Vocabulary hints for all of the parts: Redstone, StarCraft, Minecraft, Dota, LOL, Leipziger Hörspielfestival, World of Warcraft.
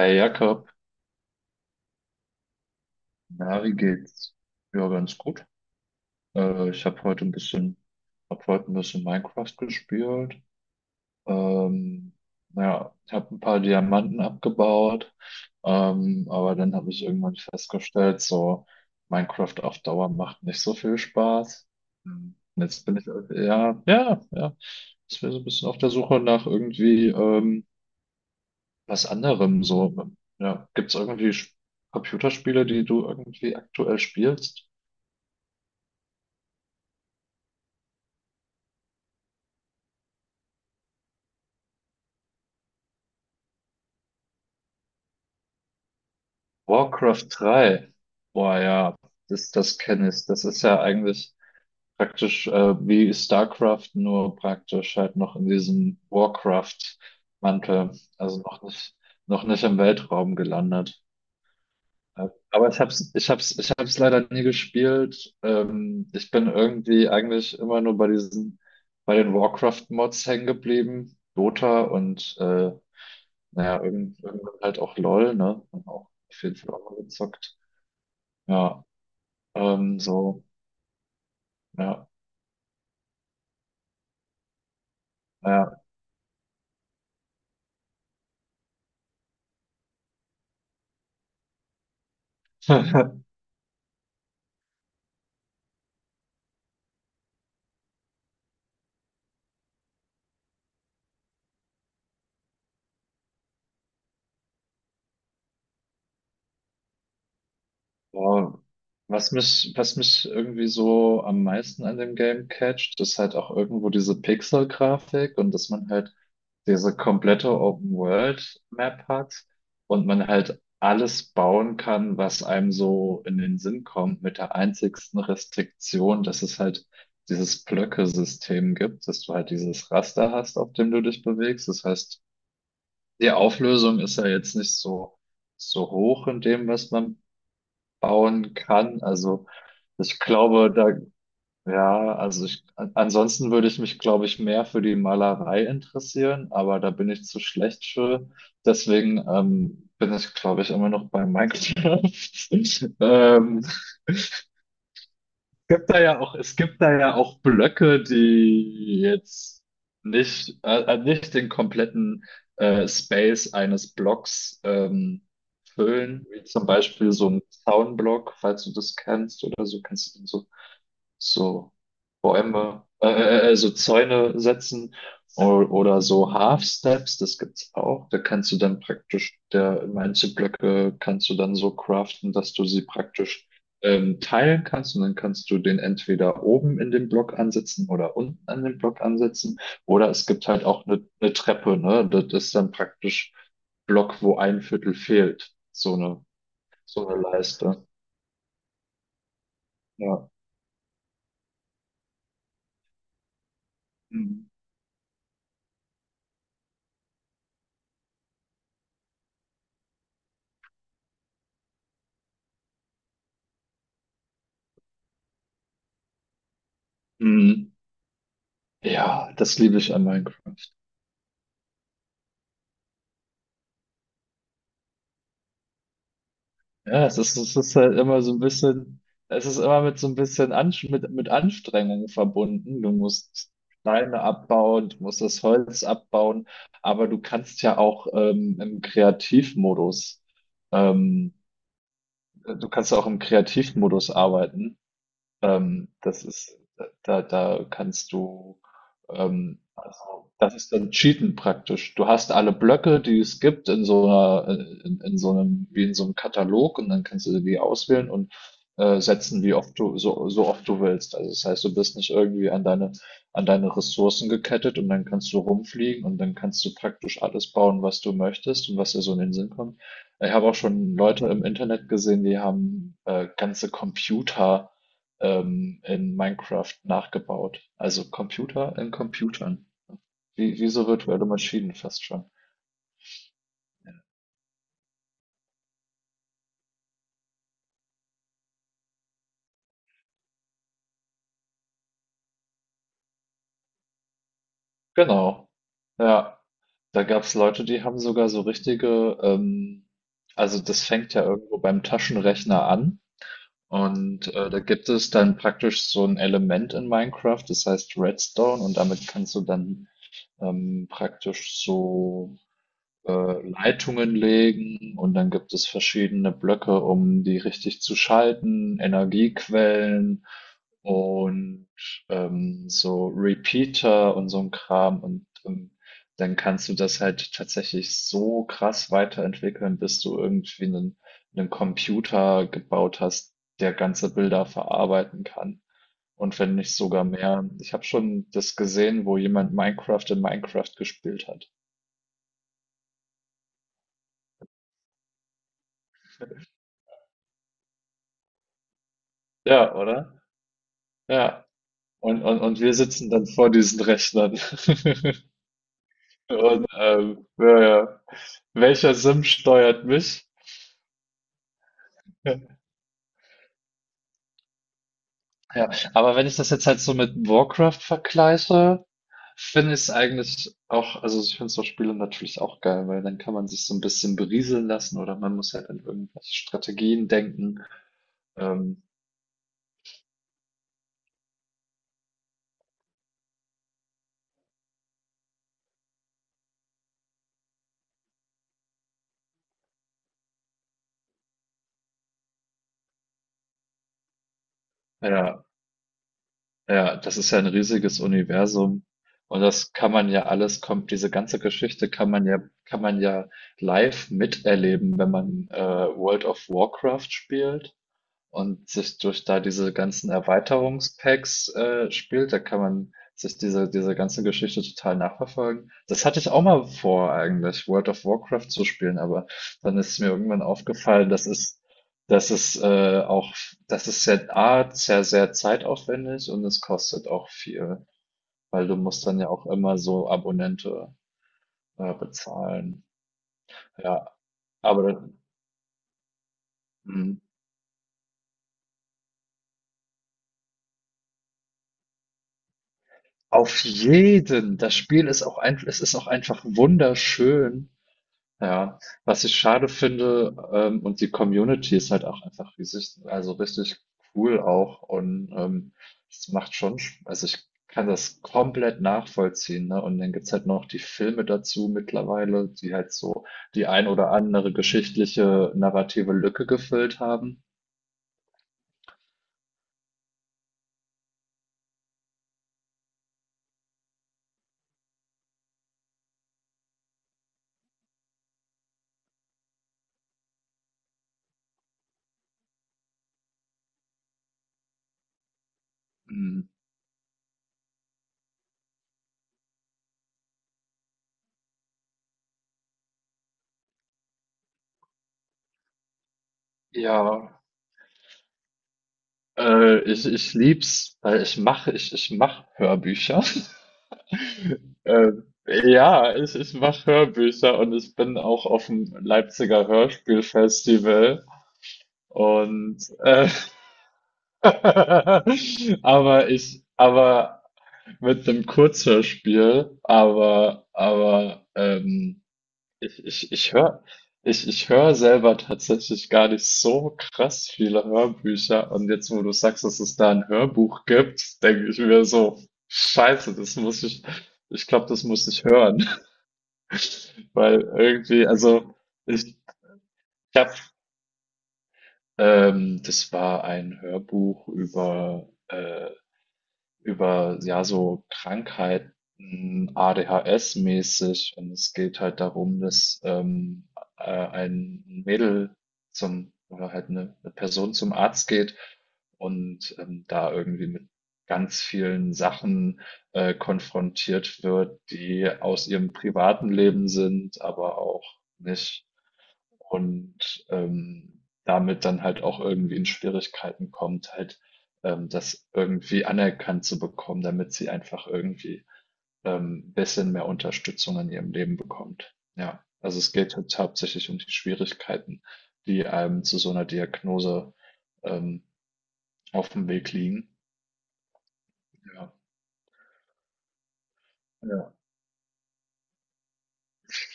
Hi Jakob, na, wie geht's? Ja, ganz gut. Ich habe heute ein bisschen, hab heute ein bisschen Minecraft gespielt. Ähm, naja, ich habe ein paar Diamanten abgebaut, aber dann habe ich irgendwann festgestellt, so Minecraft auf Dauer macht nicht so viel Spaß. Hm. Und jetzt bin ich, ja, ja, ja. Jetzt bin ich so ein bisschen auf der Suche nach irgendwie was anderem so. Ja, gibt's irgendwie Computerspiele, die du irgendwie aktuell spielst? Warcraft drei, boah, ja, das kenne ich. Das ist ja eigentlich praktisch wie StarCraft, nur praktisch halt noch in diesem Warcraft-Mantel. Also noch nicht im Weltraum gelandet. Aber ich hab's leider nie gespielt. Ich bin irgendwie eigentlich immer nur bei bei den Warcraft-Mods hängen geblieben. Dota und naja, irgendwann halt auch LOL, ne? Und auch auf jeden Fall auch mal gezockt. Ja, ähm, so, ja, ja. Boah, was mich irgendwie so am meisten an dem Game catcht, ist halt auch irgendwo diese Pixel-Grafik, und dass man halt diese komplette Open-World-Map hat und man halt alles bauen kann, was einem so in den Sinn kommt, mit der einzigsten Restriktion, dass es halt dieses Blöcke-System gibt, dass du halt dieses Raster hast, auf dem du dich bewegst. Das heißt, die Auflösung ist ja jetzt nicht so hoch in dem, was man bauen kann. Also ich glaube, ja, ansonsten würde ich mich, glaube ich, mehr für die Malerei interessieren, aber da bin ich zu schlecht für. Deswegen bin ich, glaube ich, immer noch bei Minecraft. Gibt da ja auch, es gibt da ja auch Blöcke, die jetzt nicht den kompletten Space eines Blocks füllen, wie zum Beispiel so ein Zaunblock, falls du das kennst oder so, kennst du den so, so Bäume, so Zäune setzen oder so Half Steps, das gibt's auch. Da kannst du dann praktisch, der Einzelblöcke kannst du dann so craften, dass du sie praktisch teilen kannst, und dann kannst du den entweder oben in den Block ansetzen oder unten an den Block ansetzen. Oder es gibt halt auch eine Treppe, ne? Das ist dann praktisch Block, wo ein Viertel fehlt. So so eine Leiste. Ja. Mhm. Mhm. Ja, das liebe ich an Minecraft. Ja, es ist halt immer so ein bisschen, es ist immer mit so ein bisschen mit Anstrengung verbunden. Du musst Steine abbauen, du musst das Holz abbauen, aber du kannst ja auch ähm, du kannst auch im Kreativmodus arbeiten. Ähm, das ist, Da kannst du, also das ist dann Cheaten praktisch. Du hast alle Blöcke, die es gibt, in so in so einem, wie in so einem Katalog, und dann kannst du die auswählen und setzen, wie oft so oft du willst. Also das heißt, du bist nicht irgendwie an an deine Ressourcen gekettet, und dann kannst du rumfliegen und dann kannst du praktisch alles bauen, was du möchtest und was dir so in den Sinn kommt. Ich habe auch schon Leute im Internet gesehen, die haben ganze Computer in Minecraft nachgebaut. Also Computer in Computern. Wie so virtuelle Maschinen fast schon. Genau. Ja, da gab es Leute, die haben sogar so richtige, also das fängt ja irgendwo beim Taschenrechner an. Und da gibt es dann praktisch so ein Element in Minecraft, das heißt Redstone, und damit kannst du dann praktisch so Leitungen legen, und dann gibt es verschiedene Blöcke, um die richtig zu schalten, Energiequellen und so Repeater und so ein Kram, und dann kannst du das halt tatsächlich so krass weiterentwickeln, bis du irgendwie einen Computer gebaut hast, der ganze Bilder verarbeiten kann. Und wenn nicht sogar mehr. Ich habe schon das gesehen, wo jemand Minecraft in Minecraft gespielt hat. Ja, oder? Ja. Und wir sitzen dann vor diesen Rechnern. Und ja, ja. Welcher Sim steuert mich? Ja. Ja, aber wenn ich das jetzt halt so mit Warcraft vergleiche, finde ich es eigentlich auch, also ich finde so Spiele natürlich auch geil, weil dann kann man sich so ein bisschen berieseln lassen oder man muss halt an irgendwelche Strategien denken. Ähm, ja, ja, das ist ja ein riesiges Universum, und das kann man ja alles kommt diese ganze Geschichte, kann man ja live miterleben, wenn man World of Warcraft spielt und sich durch da diese ganzen Erweiterungspacks spielt, da kann man sich diese ganze Geschichte total nachverfolgen. Das hatte ich auch mal vor, eigentlich, World of Warcraft zu spielen, aber dann ist mir irgendwann aufgefallen, das ist äh, auch, das ist sehr, A, sehr zeitaufwendig, und es kostet auch viel, weil du musst dann ja auch immer so Abonnente bezahlen. Ja, aber, das- Auf jeden. Das Spiel ist auch einf es ist auch einfach wunderschön. Ja, was ich schade finde, und die Community ist halt auch einfach riesig, also richtig cool auch, und es macht schon, ich kann das komplett nachvollziehen, ne? Und dann gibt's halt noch die Filme dazu mittlerweile, die halt so die ein oder andere geschichtliche narrative Lücke gefüllt haben. Mhm. Ja, ich lieb's, weil ich mache Hörbücher. Äh, ja, ich mache Hörbücher, und ich bin auch auf dem Leipziger Hörspielfestival, und äh, aber mit einem Kurzhörspiel, ich, ich, ich höre ich hör selber tatsächlich gar nicht so krass viele Hörbücher. Und jetzt, wo du sagst, dass es da ein Hörbuch gibt, denke ich mir so, Scheiße, ich glaube, das muss ich hören. Weil irgendwie, ich, ich habe, das war ein Hörbuch über ja so Krankheiten ADHS-mäßig, und es geht halt darum, dass ein Mädel zum oder halt eine Person zum Arzt geht, und da irgendwie mit ganz vielen Sachen konfrontiert wird, die aus ihrem privaten Leben sind, aber auch nicht, und, damit dann halt auch irgendwie in Schwierigkeiten kommt, halt, das irgendwie anerkannt zu bekommen, damit sie einfach irgendwie, ein bisschen mehr Unterstützung in ihrem Leben bekommt. Ja, also es geht halt hauptsächlich um die Schwierigkeiten, die einem zu so einer Diagnose, ähm, auf dem Weg liegen. Ja, ja.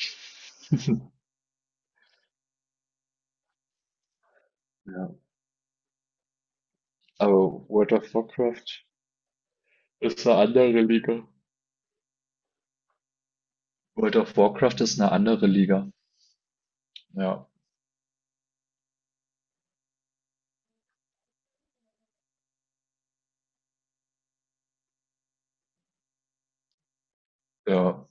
Ja, aber World of Warcraft ist eine andere Liga. World of Warcraft ist eine andere Liga. Ja, ja.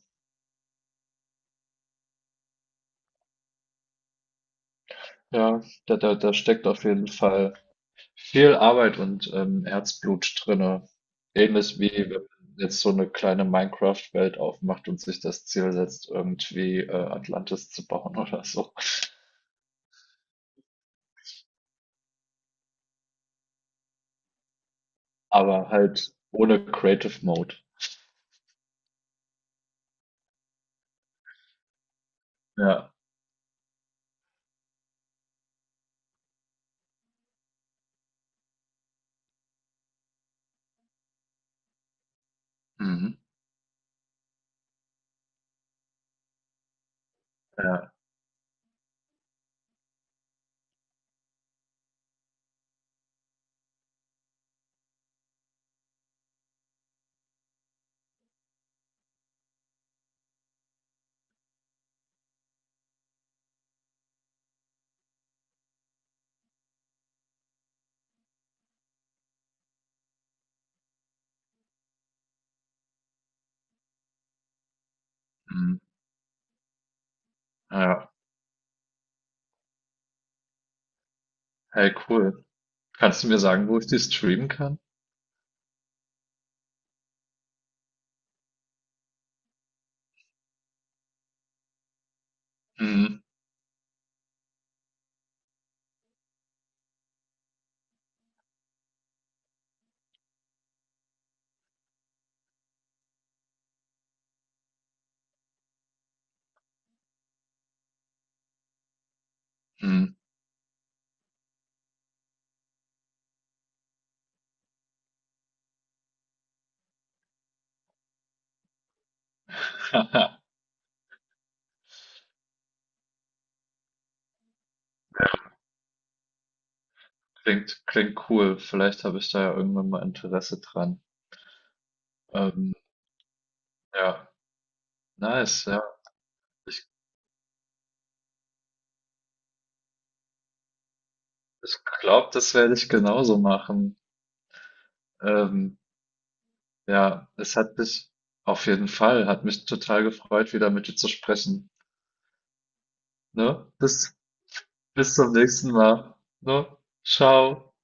Ja, da steckt auf jeden Fall viel Arbeit und Herzblut drinne. Ähnlich wie wenn man jetzt so eine kleine Minecraft-Welt aufmacht und sich das Ziel setzt, irgendwie Atlantis zu bauen oder so. Aber halt ohne Creative Mode. Ja. Mhm. Ja. Mhm. Ja. Hey, cool. Kannst du mir sagen, wo ich die streamen kann? Mhm. Mhm. Klingt cool. Vielleicht habe ich da ja irgendwann mal Interesse dran. Ähm, ja, nice, ja. Ich, ich glaube, das werde ich genauso machen. Ähm, ja, es hat mich auf jeden Fall, hat mich total gefreut, wieder mit dir zu sprechen. Ne? Bis zum nächsten Mal. Ne? Ciao.